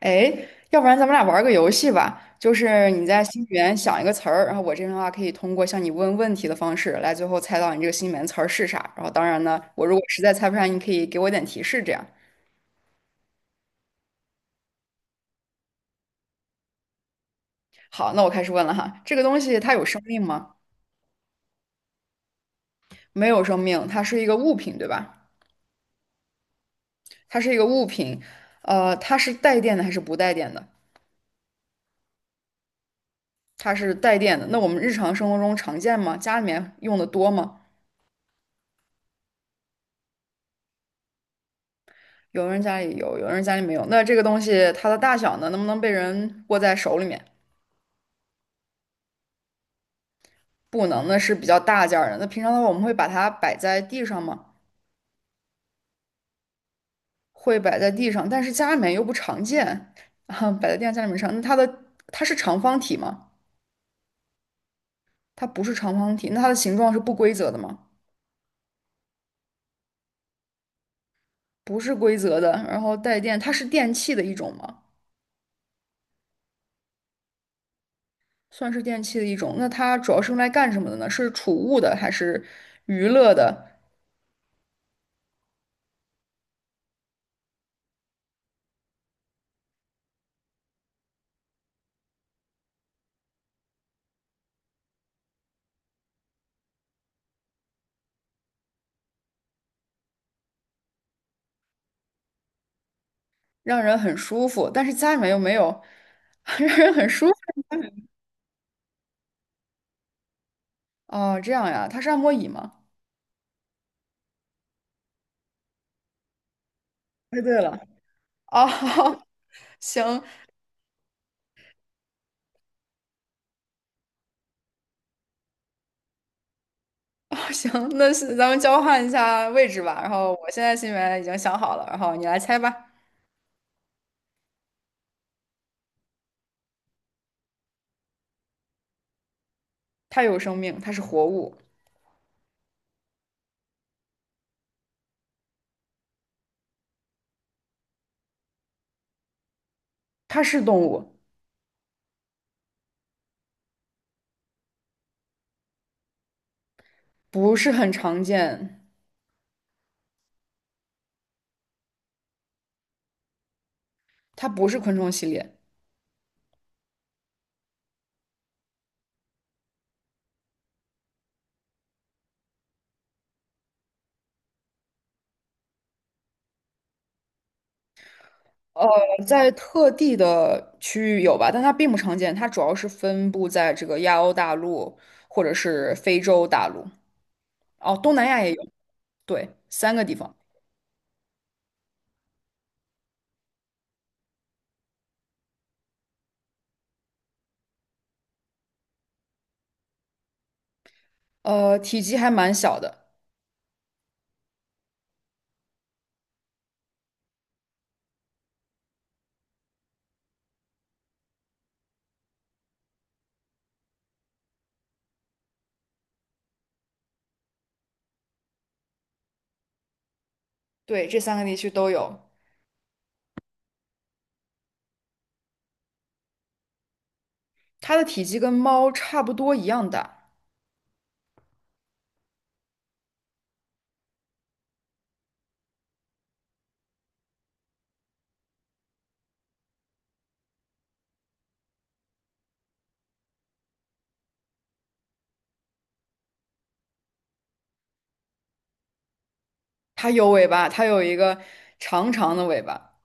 哎，要不然咱们俩玩儿个游戏吧，就是你在心里面想一个词儿，然后我这边的话可以通过向你问问题的方式来最后猜到你这个心里面词儿是啥。然后当然呢，我如果实在猜不上，你可以给我点提示，这样。好，那我开始问了哈，这个东西它有生命吗？没有生命，它是一个物品，对吧？它是一个物品，它是带电的还是不带电的？它是带电的，那我们日常生活中常见吗？家里面用的多吗？有人家里有，有人家里没有。那这个东西它的大小呢，能不能被人握在手里面？不能，那是比较大件儿的。那平常的话，我们会把它摆在地上吗？会摆在地上，但是家里面又不常见，啊，摆在地上家里面上。那它是长方体吗？它不是长方体，那它的形状是不规则的吗？不是规则的。然后带电，它是电器的一种吗？算是电器的一种。那它主要是用来干什么的呢？是储物的还是娱乐的？让人很舒服，但是家里面又没有 让人很舒服。哦，这样呀，它是按摩椅吗？猜对了。哦，行，哦，行，那是咱们交换一下位置吧。然后我现在心里面已经想好了，然后你来猜吧。它有生命，它是活物，它是动物，不是很常见，它不是昆虫系列。呃，在特地的区域有吧，但它并不常见。它主要是分布在这个亚欧大陆或者是非洲大陆。哦，东南亚也有。对，三个地方，体积还蛮小的。对，这三个地区都有。它的体积跟猫差不多一样大，它有尾巴，它有一个长长的尾巴，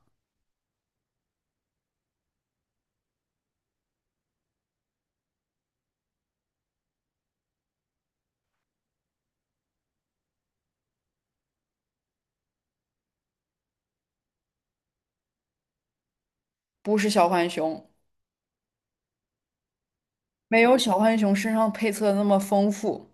不是小浣熊，没有小浣熊身上配色的那么丰富。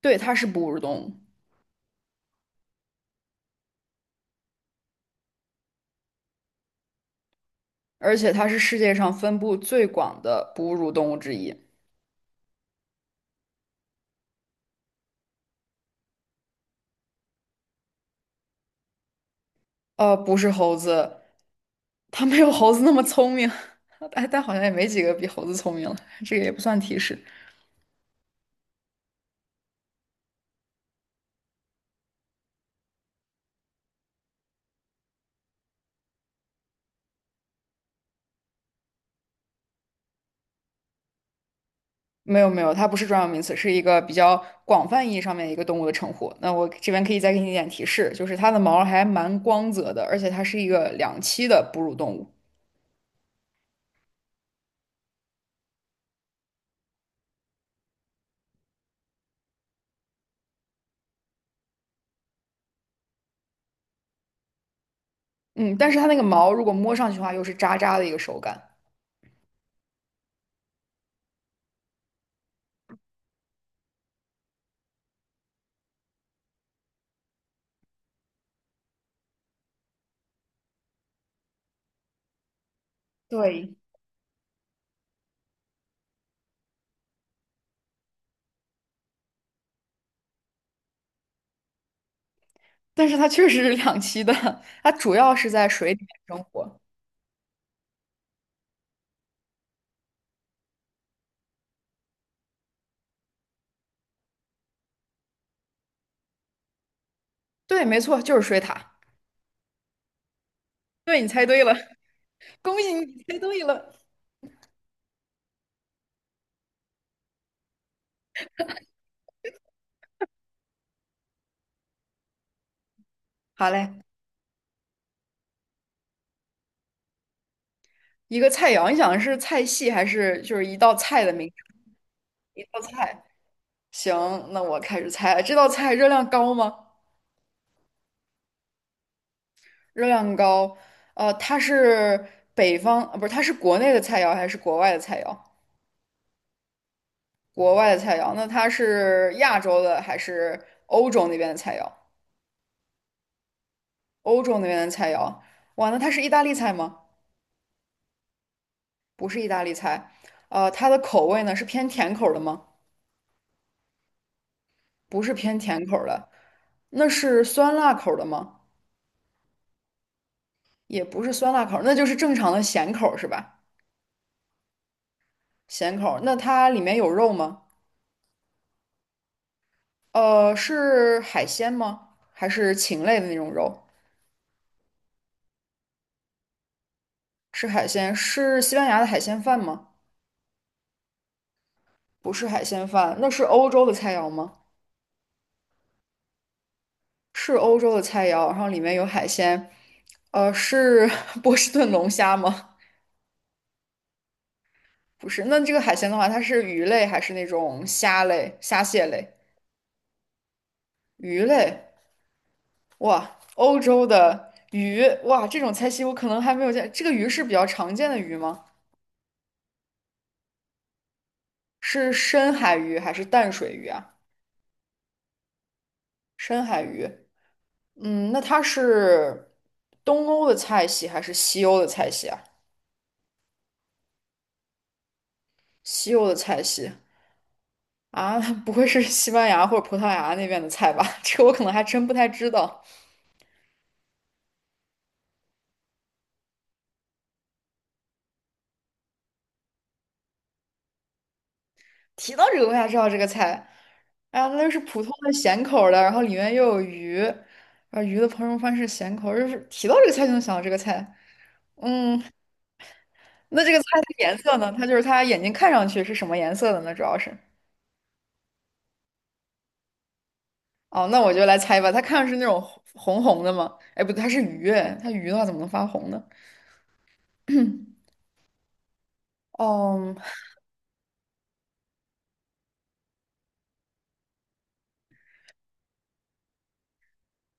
对，它是哺乳动物，而且它是世界上分布最广的哺乳动物之一。不是猴子，它没有猴子那么聪明，但好像也没几个比猴子聪明了，这个也不算提示。没有没有，它不是专有名词，是一个比较广泛意义上面一个动物的称呼。那我这边可以再给你一点提示，就是它的毛还蛮光泽的，而且它是一个两栖的哺乳动物。嗯，但是它那个毛如果摸上去的话，又是渣渣的一个手感。对，但是它确实是两栖的，它主要是在水里面生活。对，没错，就是水獭。对，你猜对了，恭喜你猜对了。好嘞，一个菜肴，你想的是菜系还是就是一道菜的名称？一道菜。行，那我开始猜了，这道菜热量高吗？热量高，它是北方，呃不是，它是国内的菜肴还是国外的菜肴？国外的菜肴，那它是亚洲的还是欧洲那边的菜肴？欧洲那边的菜肴，哇，那它是意大利菜吗？不是意大利菜，它的口味呢是偏甜口儿的吗？不是偏甜口儿的，那是酸辣口儿的吗？也不是酸辣口儿，那就是正常的咸口儿是吧？咸口儿，那它里面有肉吗？是海鲜吗？还是禽类的那种肉？是海鲜，是西班牙的海鲜饭吗？不是海鲜饭，那是欧洲的菜肴吗？是欧洲的菜肴，然后里面有海鲜。是 波士顿龙虾吗？不是，那这个海鲜的话，它是鱼类还是那种虾类、虾蟹类？鱼类，哇，欧洲的鱼，哇，这种菜系我可能还没有见。这个鱼是比较常见的鱼吗？是深海鱼还是淡水鱼啊？深海鱼。嗯，那它是东欧的菜系还是西欧的菜系啊？西欧的菜系啊，不会是西班牙或者葡萄牙那边的菜吧？这个我可能还真不太知道。提到这个，我才知道这个菜。哎呀，那就是普通的咸口儿的，然后里面又有鱼，啊，鱼的烹饪方式咸口儿就是提到这个菜就能想到这个菜。嗯，那这个菜的颜色呢？它就是它眼睛看上去是什么颜色的呢？主要是。哦，那我就来猜吧。它看上去是那种红红的吗？哎，不对，它是鱼，它鱼的话怎么能发红呢？哦，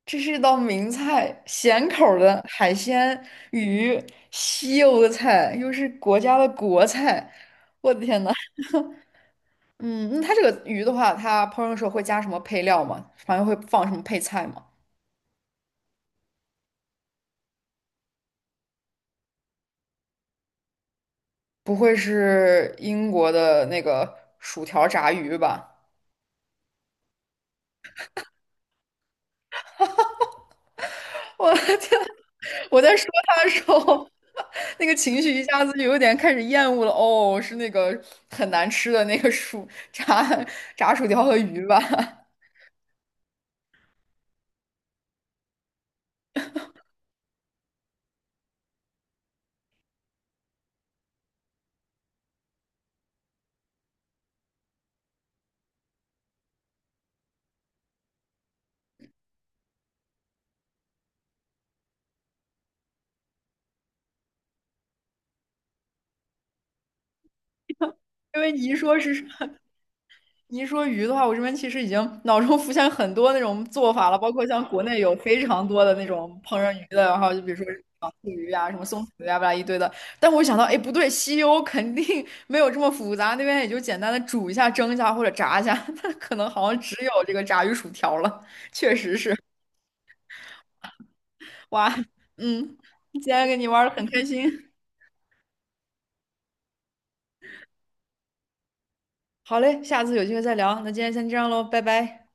这是一道名菜，咸口儿的海鲜鱼，西欧的菜，又是国家的国菜。我的天呐！嗯，那它这个鱼的话，它烹饪的时候会加什么配料吗？反正会放什么配菜吗？不会是英国的那个薯条炸鱼吧？我天，我在说他的时候，那个情绪一下子就有点开始厌恶了。哦，是那个很难吃的那个薯 炸薯条和鱼吧？因为你一说鱼的话，我这边其实已经脑中浮现很多那种做法了，包括像国内有非常多的那种烹饪鱼的，然后就比如说糖醋鱼啊、什么松鼠鱼啊，巴拉一堆的。但我想到，哎，不对，西欧肯定没有这么复杂，那边也就简单的煮一下、蒸一下或者炸一下，它可能好像只有这个炸鱼薯条了。确实是，哇，嗯，今天跟你玩的很开心。好嘞，下次有机会再聊。那今天先这样喽，拜拜。